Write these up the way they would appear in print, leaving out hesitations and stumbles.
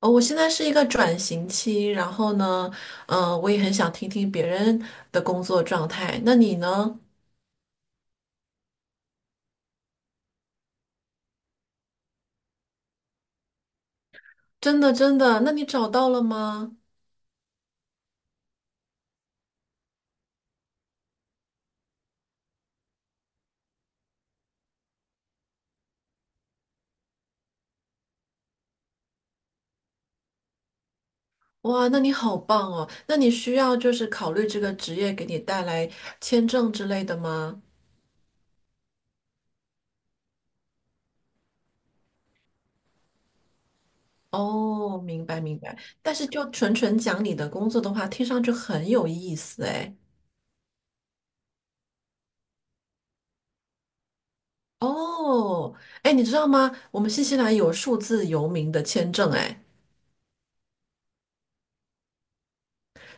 哦，我现在是一个转型期，然后呢，我也很想听听别人的工作状态。那你呢？真的，那你找到了吗？哇，那你好棒哦！那你需要就是考虑这个职业给你带来签证之类的吗？哦，明白。但是就纯纯讲你的工作的话，听上去很有意思哎。哦，哎，你知道吗？我们新西兰有数字游民的签证哎。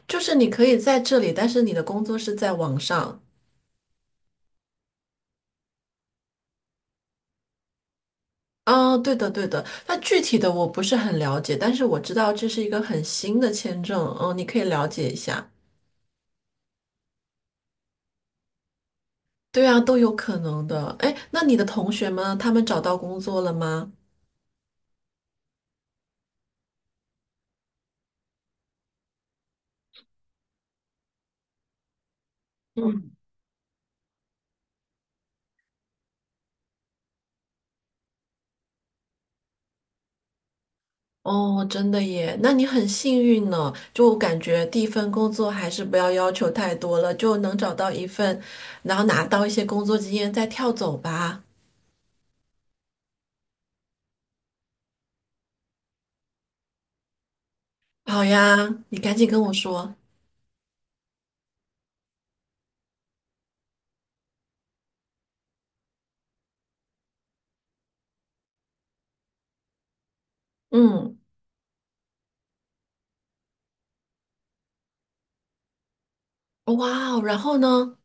就是你可以在这里，但是你的工作是在网上。啊，对的那具体的我不是很了解，但是我知道这是一个很新的签证，嗯，你可以了解一下。对啊，都有可能的。哎，那你的同学们，他们找到工作了吗？嗯，哦，真的耶，那你很幸运呢。就我感觉第一份工作还是不要要求太多了，就能找到一份，然后拿到一些工作经验再跳走吧。好呀，你赶紧跟我说。嗯。哇哦，然后呢？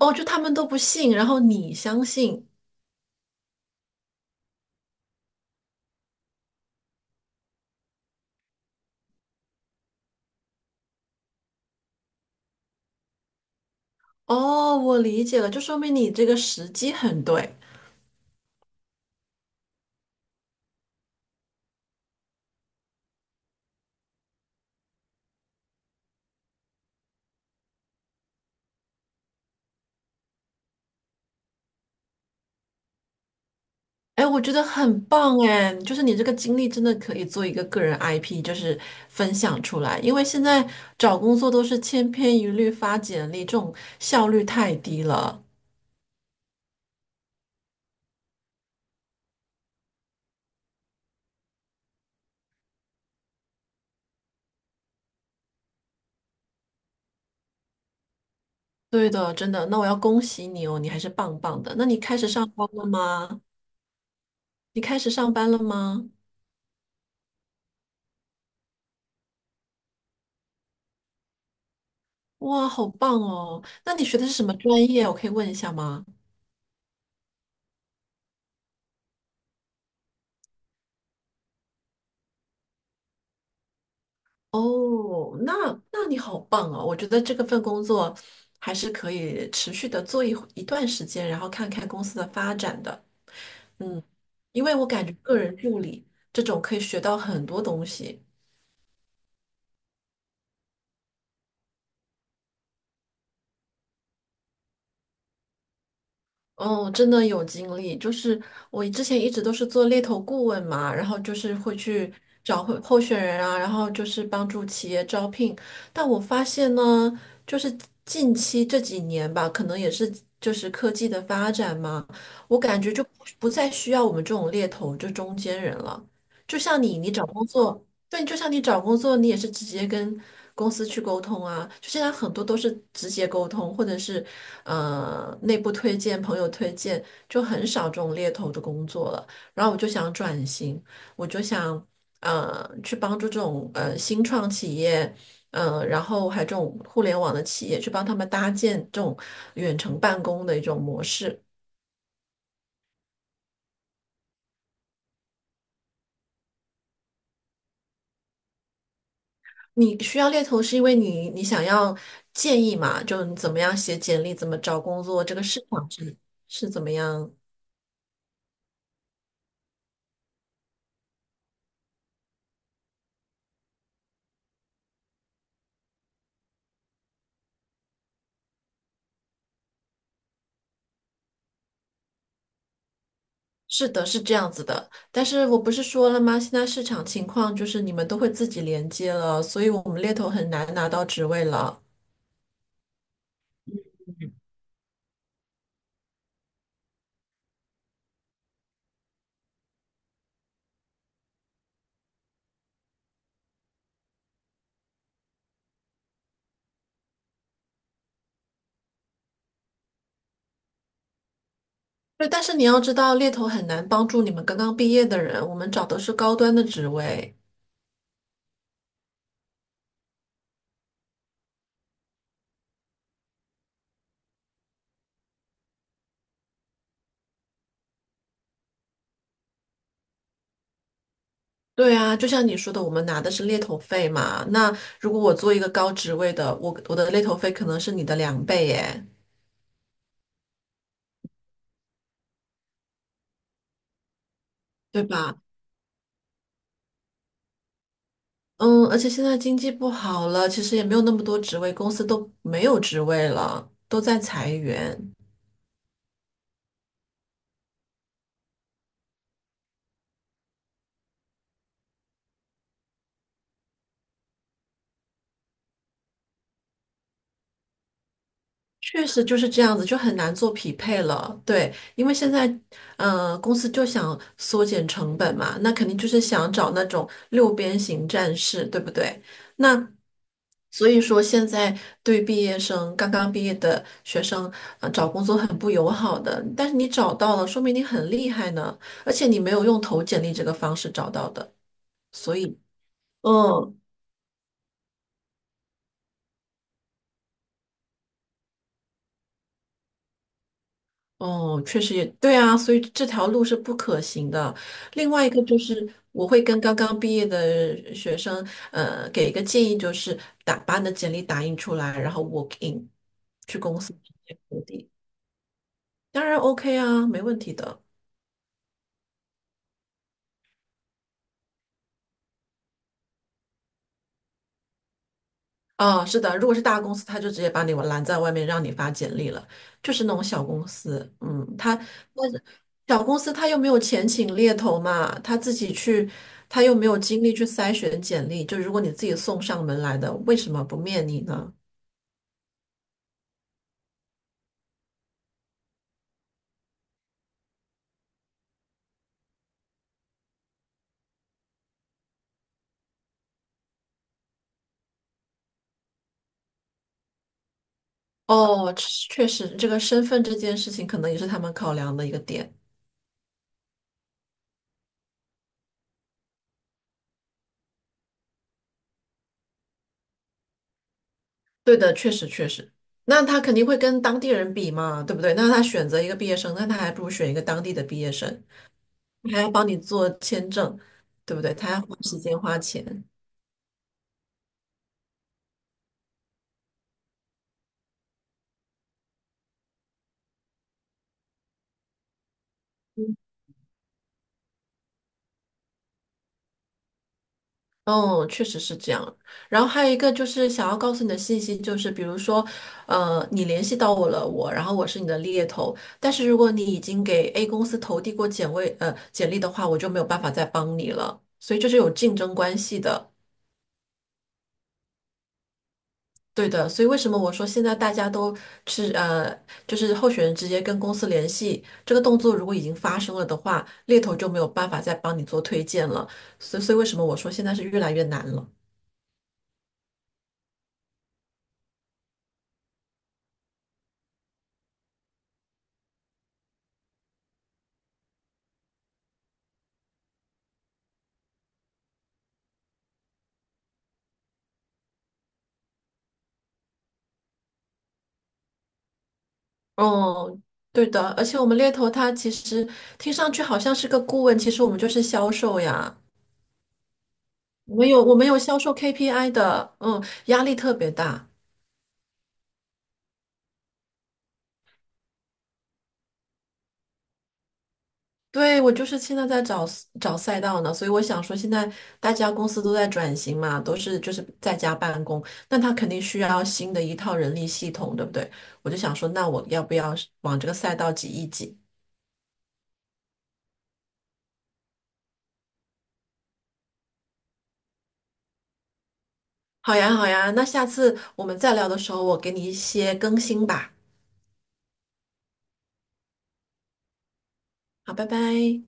哦，就他们都不信，然后你相信。哦，我理解了，就说明你这个时机很对。哎，我觉得很棒哎，就是你这个经历真的可以做一个个人 IP,就是分享出来。因为现在找工作都是千篇一律发简历，这种效率太低了。对的，真的。那我要恭喜你哦，你还是棒棒的。那你开始上班了吗？你开始上班了吗？哇，好棒哦！那你学的是什么专业？我可以问一下吗？哦，那那你好棒哦！我觉得这个份工作还是可以持续的做一段时间，然后看看公司的发展的。嗯，因为我感觉个人助理这种可以学到很多东西。哦，真的有经历，就是我之前一直都是做猎头顾问嘛，然后就是会去找候选人啊，然后就是帮助企业招聘。但我发现呢，就是近期这几年吧，可能也是就是科技的发展嘛，我感觉就不再需要我们这种猎头这中间人了。就像你，你找工作，对，就像你找工作，你也是直接跟公司去沟通啊。就现在很多都是直接沟通，或者是内部推荐、朋友推荐，就很少这种猎头的工作了。然后我就想转型，我就想去帮助这种新创企业，然后还有这种互联网的企业，去帮他们搭建这种远程办公的一种模式。你需要猎头，是因为你想要建议嘛？就你怎么样写简历，怎么找工作，这个市场。是怎么样？是的，是这样子的。但是我不是说了吗？现在市场情况就是你们都会自己连接了，所以我们猎头很难拿到职位了。对，但是你要知道，猎头很难帮助你们刚刚毕业的人，我们找的是高端的职位。对啊，就像你说的，我们拿的是猎头费嘛。那如果我做一个高职位的，我的猎头费可能是你的两倍耶，对吧？嗯，而且现在经济不好了，其实也没有那么多职位，公司都没有职位了，都在裁员。确实就是这样子，就很难做匹配了。对，因为现在，公司就想缩减成本嘛，那肯定就是想找那种六边形战士，对不对？那所以说，现在对毕业生、刚刚毕业的学生，找工作很不友好的。但是你找到了，说明你很厉害呢，而且你没有用投简历这个方式找到的，所以，嗯，哦，确实也对啊，所以这条路是不可行的。另外一个就是，我会跟刚刚毕业的学生，给一个建议，就是把你的简历打印出来，然后 walk in 去公司直接投递，当然 OK 啊，没问题的。哦，是的，如果是大公司，他就直接把你拦在外面，让你发简历了。就是那种小公司，嗯，他但是小公司他又没有钱请猎头嘛，他自己去，他又没有精力去筛选简历。就如果你自己送上门来的，为什么不面你呢？哦，确实，这个身份这件事情可能也是他们考量的一个点。对的，确实。那他肯定会跟当地人比嘛，对不对？那他选择一个毕业生，那他还不如选一个当地的毕业生。你还要帮你做签证，对不对？他要花时间花钱。哦，确实是这样。然后还有一个就是想要告诉你的信息，就是比如说，你联系到我了，我，然后我是你的猎头，但是如果你已经给 A 公司投递过简历，简历的话，我就没有办法再帮你了。所以这是有竞争关系的。对的，所以为什么我说现在大家都是就是候选人直接跟公司联系，这个动作如果已经发生了的话，猎头就没有办法再帮你做推荐了。所以为什么我说现在是越来越难了？哦，对的，而且我们猎头他其实听上去好像是个顾问，其实我们就是销售呀，我们有销售 KPI 的，嗯，压力特别大。对，我就是现在在找找赛道呢，所以我想说，现在大家公司都在转型嘛，都是就是在家办公，那他肯定需要新的一套人力系统，对不对？我就想说，那我要不要是往这个赛道挤一挤？好呀，好呀，那下次我们再聊的时候，我给你一些更新吧。好，拜拜。